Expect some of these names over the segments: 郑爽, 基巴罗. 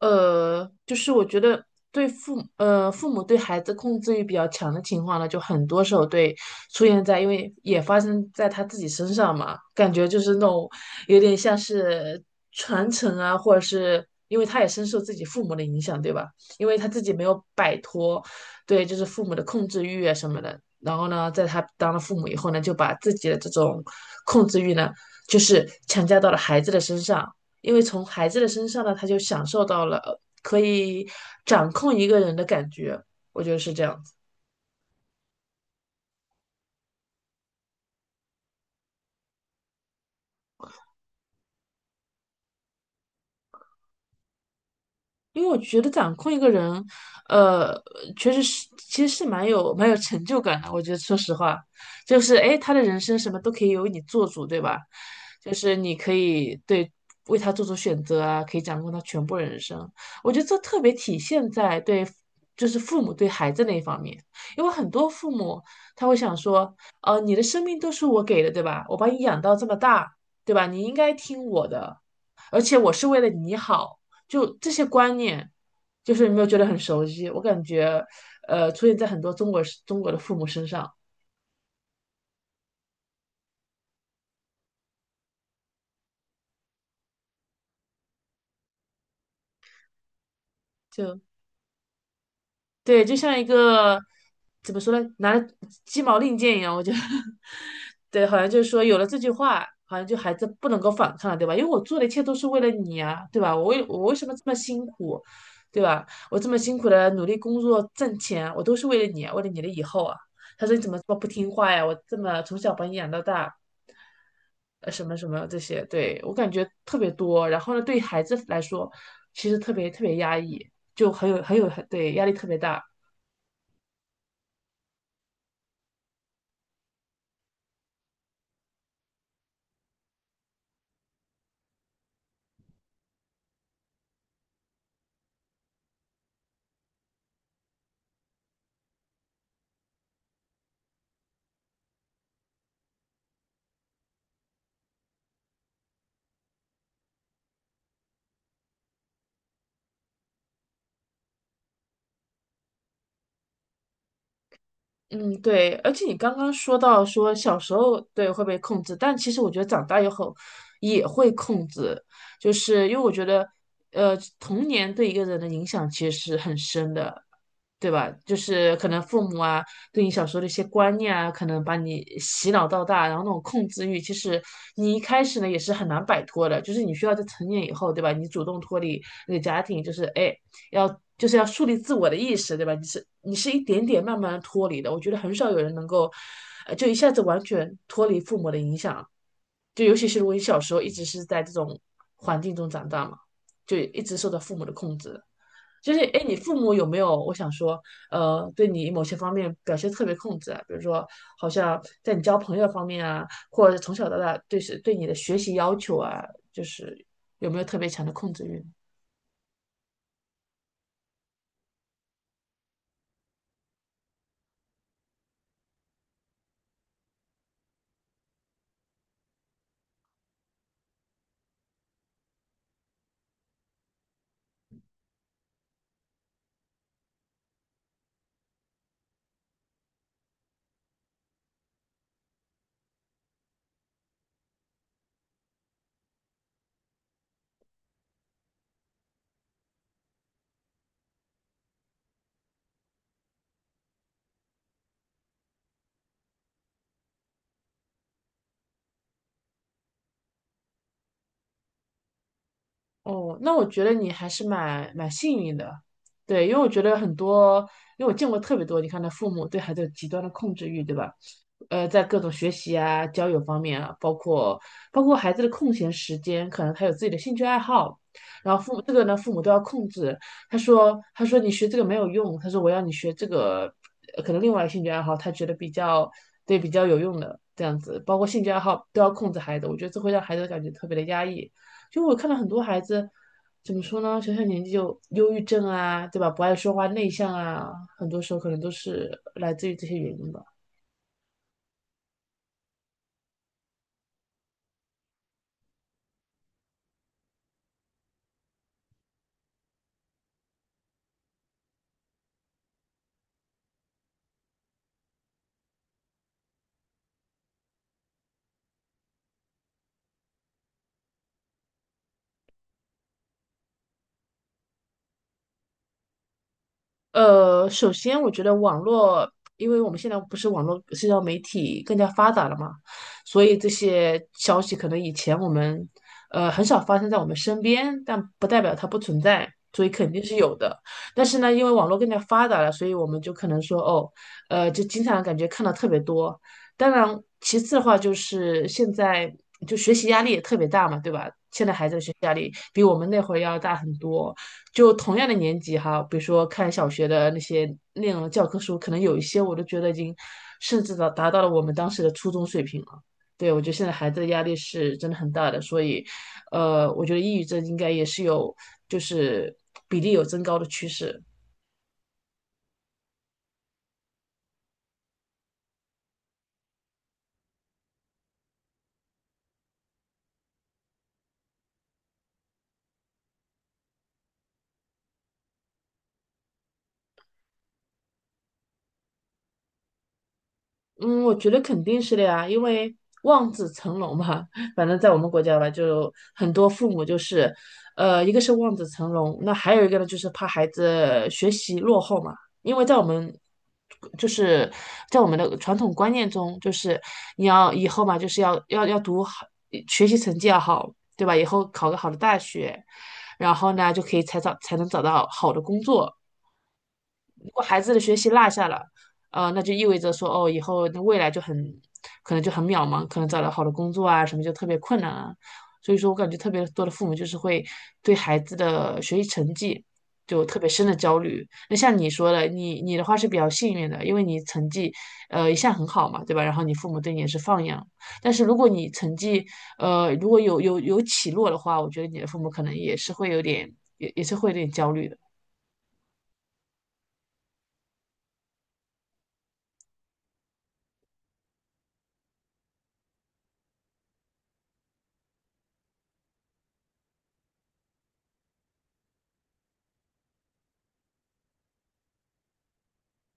就是我觉得对父母父母对孩子控制欲比较强的情况呢，就很多时候对出现在，因为也发生在他自己身上嘛，感觉就是那种有点像是传承啊，或者是因为他也深受自己父母的影响，对吧？因为他自己没有摆脱对就是父母的控制欲啊什么的，然后呢，在他当了父母以后呢，就把自己的这种控制欲呢，就是强加到了孩子的身上。因为从孩子的身上呢，他就享受到了可以掌控一个人的感觉，我觉得是这样子。因为我觉得掌控一个人，呃，确实是，其实是蛮有成就感的。我觉得，说实话，就是哎，诶他的人生什么都可以由你做主，对吧？就是你可以对为他做出选择啊，可以掌控他全部人生。我觉得这特别体现在对，就是父母对孩子那一方面，因为很多父母他会想说，你的生命都是我给的，对吧？我把你养到这么大，对吧？你应该听我的，而且我是为了你好。就这些观念，就是有没有觉得很熟悉？我感觉，出现在很多中国的父母身上，就对，就像一个怎么说呢，拿着鸡毛令箭一样。我觉得，对，好像就是说有了这句话，好像就孩子不能够反抗了，对吧？因为我做的一切都是为了你啊，对吧？我为什么这么辛苦，对吧？我这么辛苦的努力工作挣钱，我都是为了你啊，为了你的以后啊。他说你怎么这么不听话呀？我这么从小把你养到大，什么什么这些，对，我感觉特别多。然后呢，对孩子来说，其实特别特别压抑，就很有很有很对压力特别大。嗯，对，而且你刚刚说到说小时候对会被控制，但其实我觉得长大以后也会控制，就是因为我觉得，童年对一个人的影响其实是很深的，对吧？就是可能父母啊对你小时候的一些观念啊，可能把你洗脑到大，然后那种控制欲，其实你一开始呢也是很难摆脱的，就是你需要在成年以后，对吧？你主动脱离那个家庭，就是哎。要就是要树立自我的意识，对吧？你是一点点慢慢脱离的，我觉得很少有人能够，就一下子完全脱离父母的影响，就尤其是如果你小时候一直是在这种环境中长大嘛，就一直受到父母的控制。就是哎，诶你父母有没有？我想说，对你某些方面表现特别控制啊，比如说，好像在你交朋友方面啊，或者从小到大对是对你的学习要求啊，就是有没有特别强的控制欲？哦，那我觉得你还是蛮幸运的，对，因为我觉得很多，因为我见过特别多，你看他父母对孩子有极端的控制欲，对吧？在各种学习啊、交友方面啊，包括孩子的空闲时间，可能他有自己的兴趣爱好，然后父母这个呢，父母都要控制。他说你学这个没有用，他说我要你学这个，可能另外一个兴趣爱好，他觉得比较对比较有用的这样子，包括兴趣爱好都要控制孩子，我觉得这会让孩子感觉特别的压抑。就我看到很多孩子，怎么说呢？小小年纪就忧郁症啊，对吧？不爱说话、内向啊，很多时候可能都是来自于这些原因吧。首先我觉得网络，因为我们现在不是网络社交媒体更加发达了嘛，所以这些消息可能以前我们很少发生在我们身边，但不代表它不存在，所以肯定是有的。但是呢，因为网络更加发达了，所以我们就可能说哦，就经常感觉看到特别多。当然，其次的话就是现在就学习压力也特别大嘛，对吧？现在孩子的学习压力比我们那会儿要大很多。就同样的年级哈，比如说看小学的那些内容的教科书，可能有一些我都觉得已经甚至到达到了我们当时的初中水平了。对，我觉得现在孩子的压力是真的很大的，所以，我觉得抑郁症应该也是有就是比例有增高的趋势。嗯，我觉得肯定是的呀，因为望子成龙嘛，反正在我们国家吧，就很多父母就是，一个是望子成龙，那还有一个呢，就是怕孩子学习落后嘛，因为在我们，就是在我们的传统观念中，就是你要以后嘛，就是要读好，学习成绩要好，对吧？以后考个好的大学，然后呢，就可以才能找到好的工作。如果孩子的学习落下了，那就意味着说，哦，以后那未来就很可能就很渺茫，可能找到好的工作啊什么就特别困难啊。所以说我感觉特别多的父母就是会对孩子的学习成绩就特别深的焦虑。那像你说的，你的话是比较幸运的，因为你成绩一向很好嘛，对吧？然后你父母对你也是放养。但是如果你成绩如果有起落的话，我觉得你的父母可能也是会有点也也是会有点焦虑的。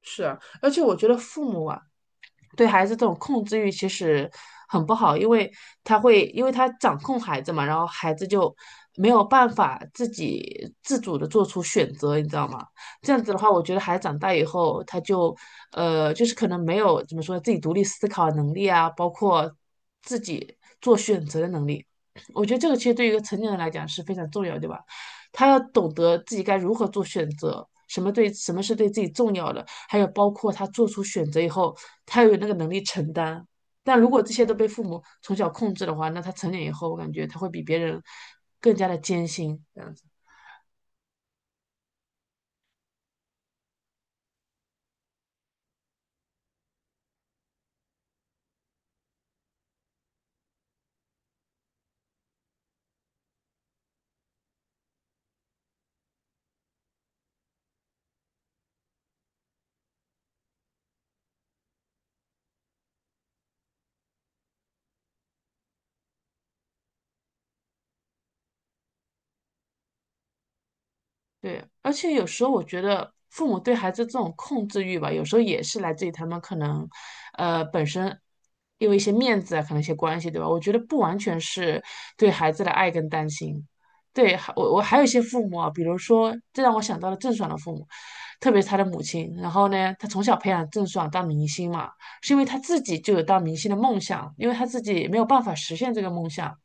是啊，而且我觉得父母啊，对孩子这种控制欲其实很不好，因为他会，因为他掌控孩子嘛，然后孩子就没有办法自己自主的做出选择，你知道吗？这样子的话，我觉得孩子长大以后，他就就是可能没有怎么说自己独立思考的能力啊，包括自己做选择的能力。我觉得这个其实对于一个成年人来讲是非常重要，对吧？他要懂得自己该如何做选择，什么对什么是对自己重要的，还有包括他做出选择以后，他要有那个能力承担。但如果这些都被父母从小控制的话，那他成年以后，我感觉他会比别人更加的艰辛，这样子。对，而且有时候我觉得父母对孩子这种控制欲吧，有时候也是来自于他们可能，本身因为一些面子啊，可能一些关系，对吧？我觉得不完全是对孩子的爱跟担心。对，还我还有一些父母啊，比如说，这让我想到了郑爽的父母，特别是她的母亲。然后呢，她从小培养郑爽当明星嘛，是因为她自己就有当明星的梦想，因为她自己没有办法实现这个梦想，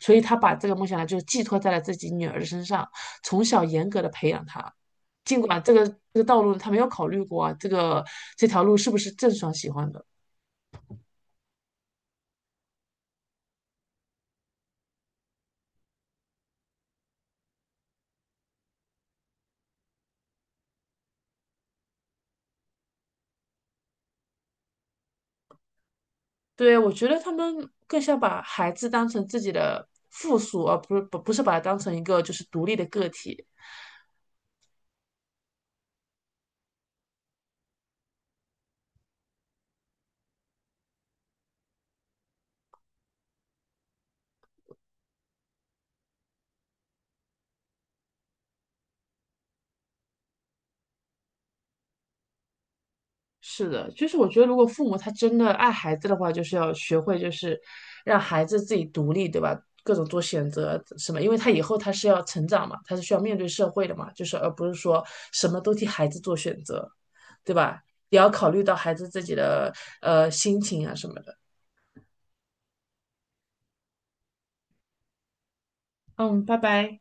所以他把这个梦想呢，就是寄托在了自己女儿身上，从小严格的培养她。尽管这个道路他没有考虑过啊，这个这条路是不是郑爽喜欢的？对，我觉得他们更像把孩子当成自己的附属，而不是不是把它当成一个就是独立的个体。是的，就是我觉得，如果父母他真的爱孩子的话，就是要学会，就是让孩子自己独立，对吧？各种做选择什么，因为他以后他是要成长嘛，他是需要面对社会的嘛，就是而不是说什么都替孩子做选择，对吧？也要考虑到孩子自己的心情啊什么的。嗯，拜拜。